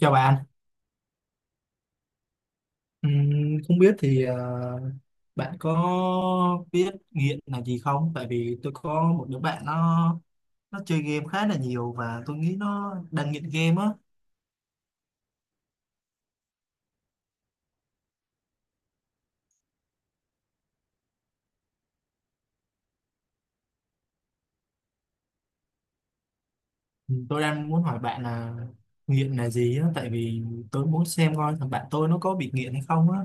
Chào bạn. Ừm, Không biết thì bạn có biết nghiện là gì không? Tại vì tôi có một đứa bạn nó chơi game khá là nhiều và tôi nghĩ nó đang nghiện game á. Tôi đang muốn hỏi bạn là nghiện là gì á, tại vì tôi muốn xem coi thằng bạn tôi nó có bị nghiện hay không á.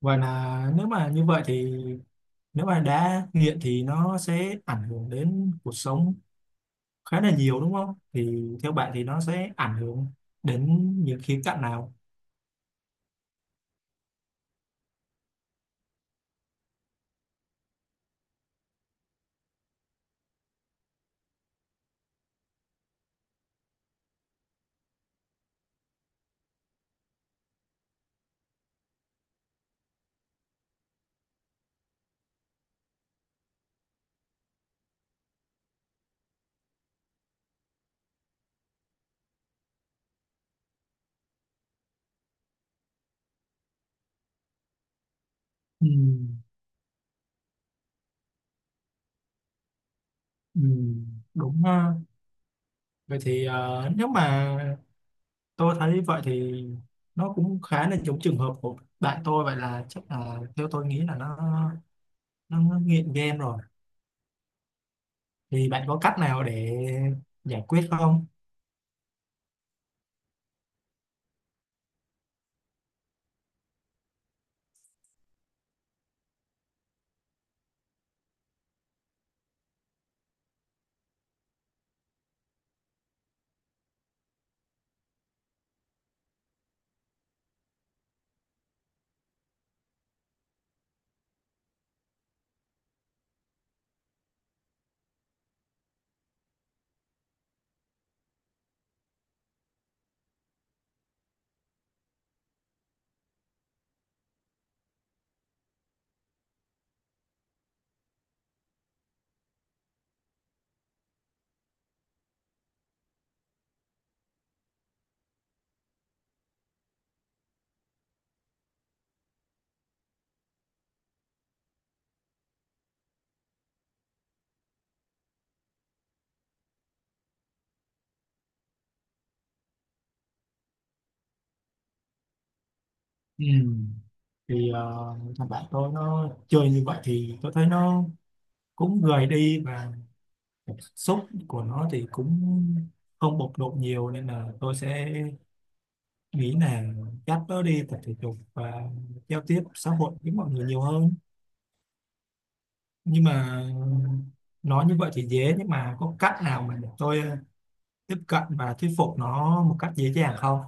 Và là nếu mà như vậy thì nếu mà đã nghiện thì nó sẽ ảnh hưởng đến cuộc sống khá là nhiều đúng không? Thì theo bạn thì nó sẽ ảnh hưởng đến những khía cạnh nào? Ừ. Ừ, đúng ha. Vậy thì nếu mà tôi thấy vậy thì nó cũng khá là giống trường hợp của bạn tôi, vậy là chắc là theo tôi nghĩ là nó nghiện game rồi, thì bạn có cách nào để giải quyết không? Ừ. Thì thằng bạn tôi nó chơi như vậy thì tôi thấy nó cũng gầy đi và cảm xúc của nó thì cũng không bộc lộ nhiều, nên là tôi sẽ nghĩ là cắt nó đi tập thể dục và giao tiếp xã hội với mọi người nhiều hơn. Nhưng mà nói như vậy thì dễ, nhưng mà có cách nào mà để tôi tiếp cận và thuyết phục nó một cách dễ dàng không?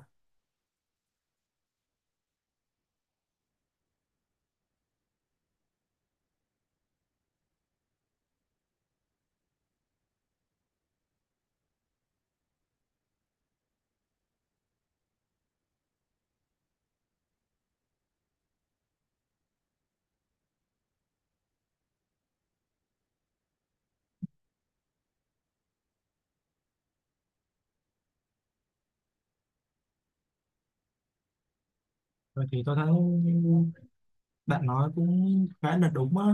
Vậy thì tôi thấy bạn nói cũng khá là đúng á,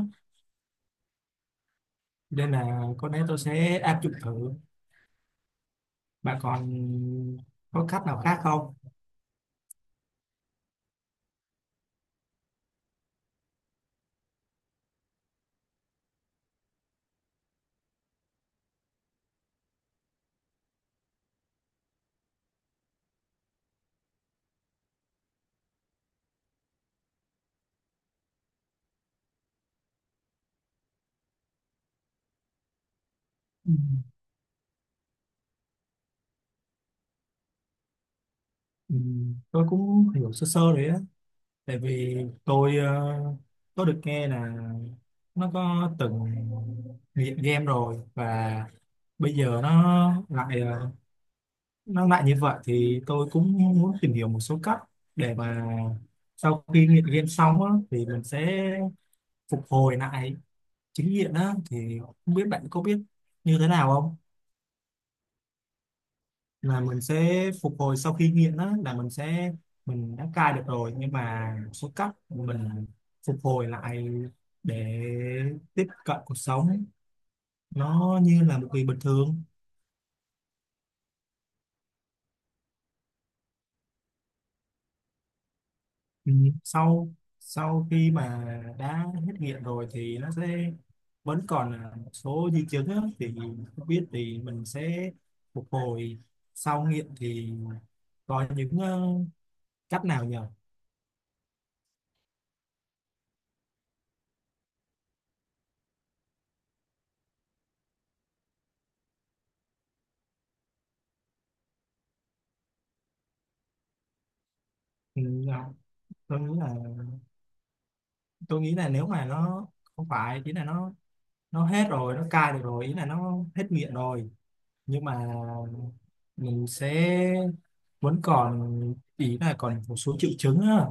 nên là có lẽ tôi sẽ áp dụng thử. Bạn còn có cách nào khác không? Ừ. Ừ, tôi cũng hiểu sơ sơ đấy, tại vì tôi có được nghe là nó có từng nghiện game rồi, và bây giờ nó lại nó lại như vậy, thì tôi cũng muốn tìm hiểu một số cách để mà sau khi nghiện game xong á, thì mình sẽ phục hồi lại chính nghiện á, thì không biết bạn có biết như thế nào không, là mình sẽ phục hồi sau khi nghiện. Đó là mình sẽ mình đã cai được rồi, nhưng mà một số cách mình phục hồi lại để tiếp cận cuộc sống nó như là một người bình thường. Ừ. Sau sau khi mà đã hết nghiện rồi thì nó sẽ vẫn còn là một số di chứng á, thì không biết thì mình sẽ phục hồi sau nghiện thì có những cách nào nhỉ? Ừ, dạ, tôi nghĩ là tôi nghĩ là nếu mà nó không phải chỉ là nó hết rồi nó cai được rồi, ý là nó hết nghiện rồi, nhưng mà mình sẽ vẫn còn, ý là còn một số triệu chứng á,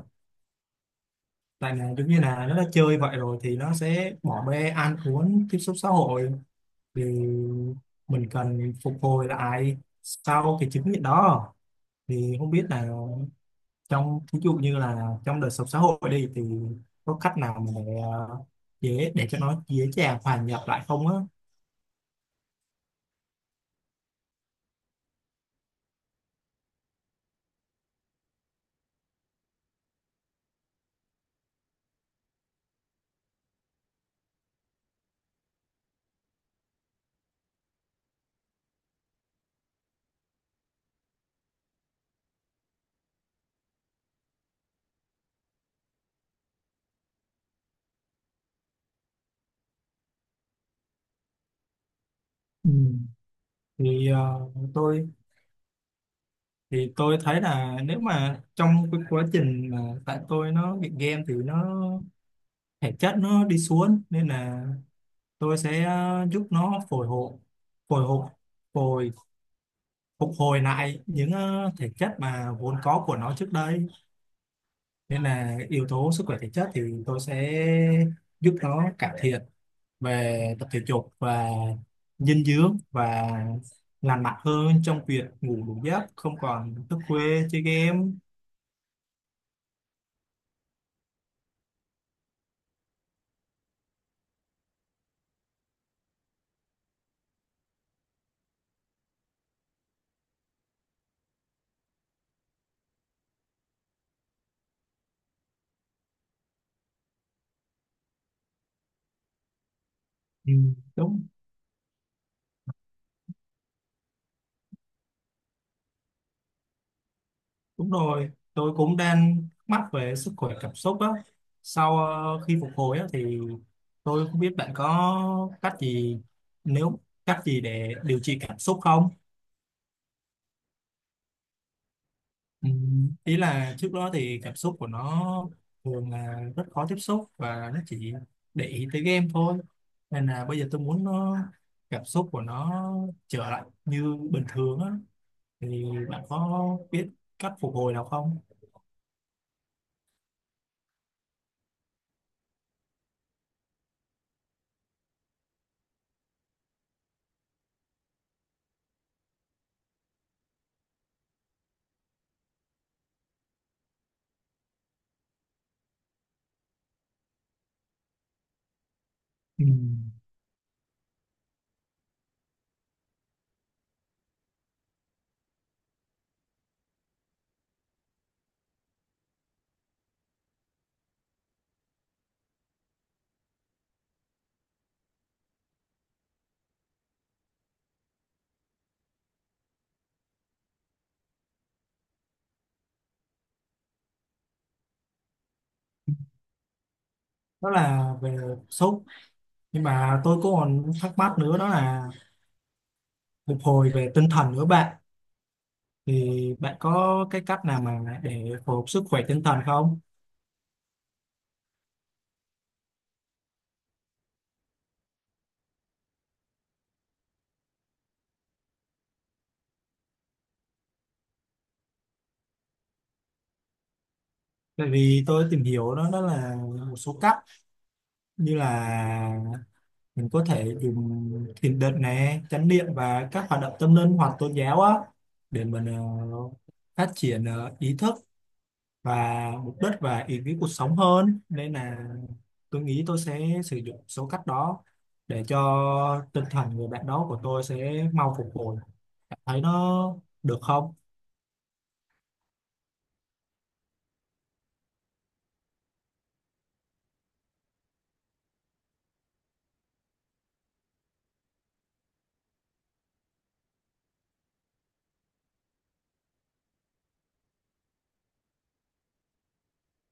tại là giống như là nó đã chơi vậy rồi thì nó sẽ bỏ bê ăn uống tiếp xúc xã hội, thì mình cần phục hồi lại sau cái chứng nghiện đó. Thì không biết là trong ví dụ như là trong đời sống xã hội đi, thì có cách nào mà dễ để cho nó dễ dàng hòa nhập lại không á? Ừ. Thì tôi tôi thấy là nếu mà trong cái quá trình mà tại tôi nó nghiện game thì nó thể chất nó đi xuống, nên là tôi sẽ giúp nó phổi hộ phổi hộ phổi phục hồi lại những thể chất mà vốn có của nó trước đây. Nên là yếu tố sức khỏe thể chất thì tôi sẽ giúp nó cải thiện về tập thể dục và dinh dưỡng và lành mạnh hơn trong việc ngủ đủ giấc, không còn thức khuya chơi game. Ừ, đúng. Đúng rồi, tôi cũng đang thắc mắc về sức khỏe cảm xúc á, sau khi phục hồi á, thì tôi không biết bạn có cách gì, nếu cách gì để điều trị cảm xúc không? Ừ, ý là trước đó thì cảm xúc của nó thường là rất khó tiếp xúc và nó chỉ để ý tới game thôi, nên là bây giờ tôi muốn nó cảm xúc của nó trở lại như bình thường á, thì bạn có biết cách phục hồi nào không? Ừ. Đó là về cảm xúc, nhưng mà tôi cũng còn thắc mắc nữa, đó là phục hồi về tinh thần nữa bạn. Thì bạn có cái cách nào mà để phục hồi sức khỏe tinh thần không? Tại vì tôi tìm hiểu đó, đó là một số cách như là mình có thể dùng thiền định này, chánh niệm và các hoạt động tâm linh hoặc tôn giáo á, để mình phát triển ý thức và mục đích và ý nghĩa cuộc sống hơn, nên là tôi nghĩ tôi sẽ sử dụng số cách đó để cho tinh thần người bạn đó của tôi sẽ mau phục hồi. Bạn thấy nó được không?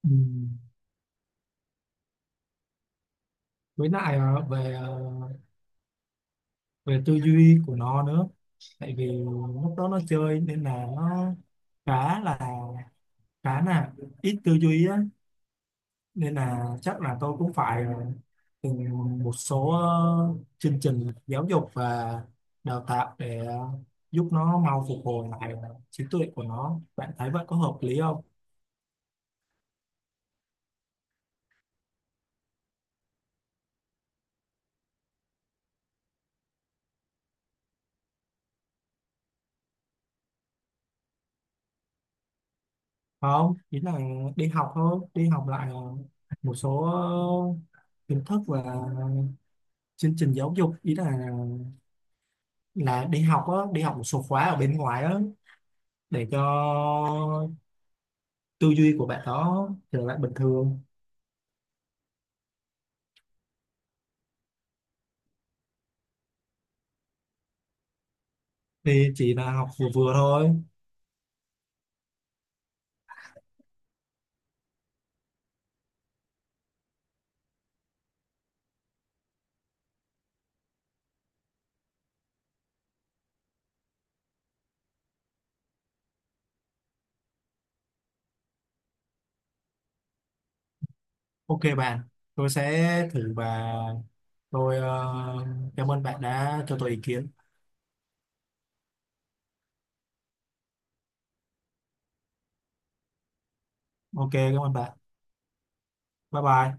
Ừ. Với lại về về tư duy của nó nữa, tại vì lúc đó nó chơi nên là nó khá là khá là ít tư duy á, nên là chắc là tôi cũng phải từng một số chương trình giáo dục và đào tạo để giúp nó mau phục hồi lại trí tuệ của nó. Bạn thấy vậy có hợp lý không? Không, ý là đi học thôi, đi học lại một số kiến thức và chương trình giáo dục, ý là đi học á, đi học một số khóa ở bên ngoài á, để cho tư duy của bạn đó trở lại bình thường. Thì chỉ là học vừa vừa thôi. Ok bạn, tôi sẽ thử và tôi cảm ơn bạn đã cho tôi ý kiến. Ok, cảm ơn bạn. Bye bye.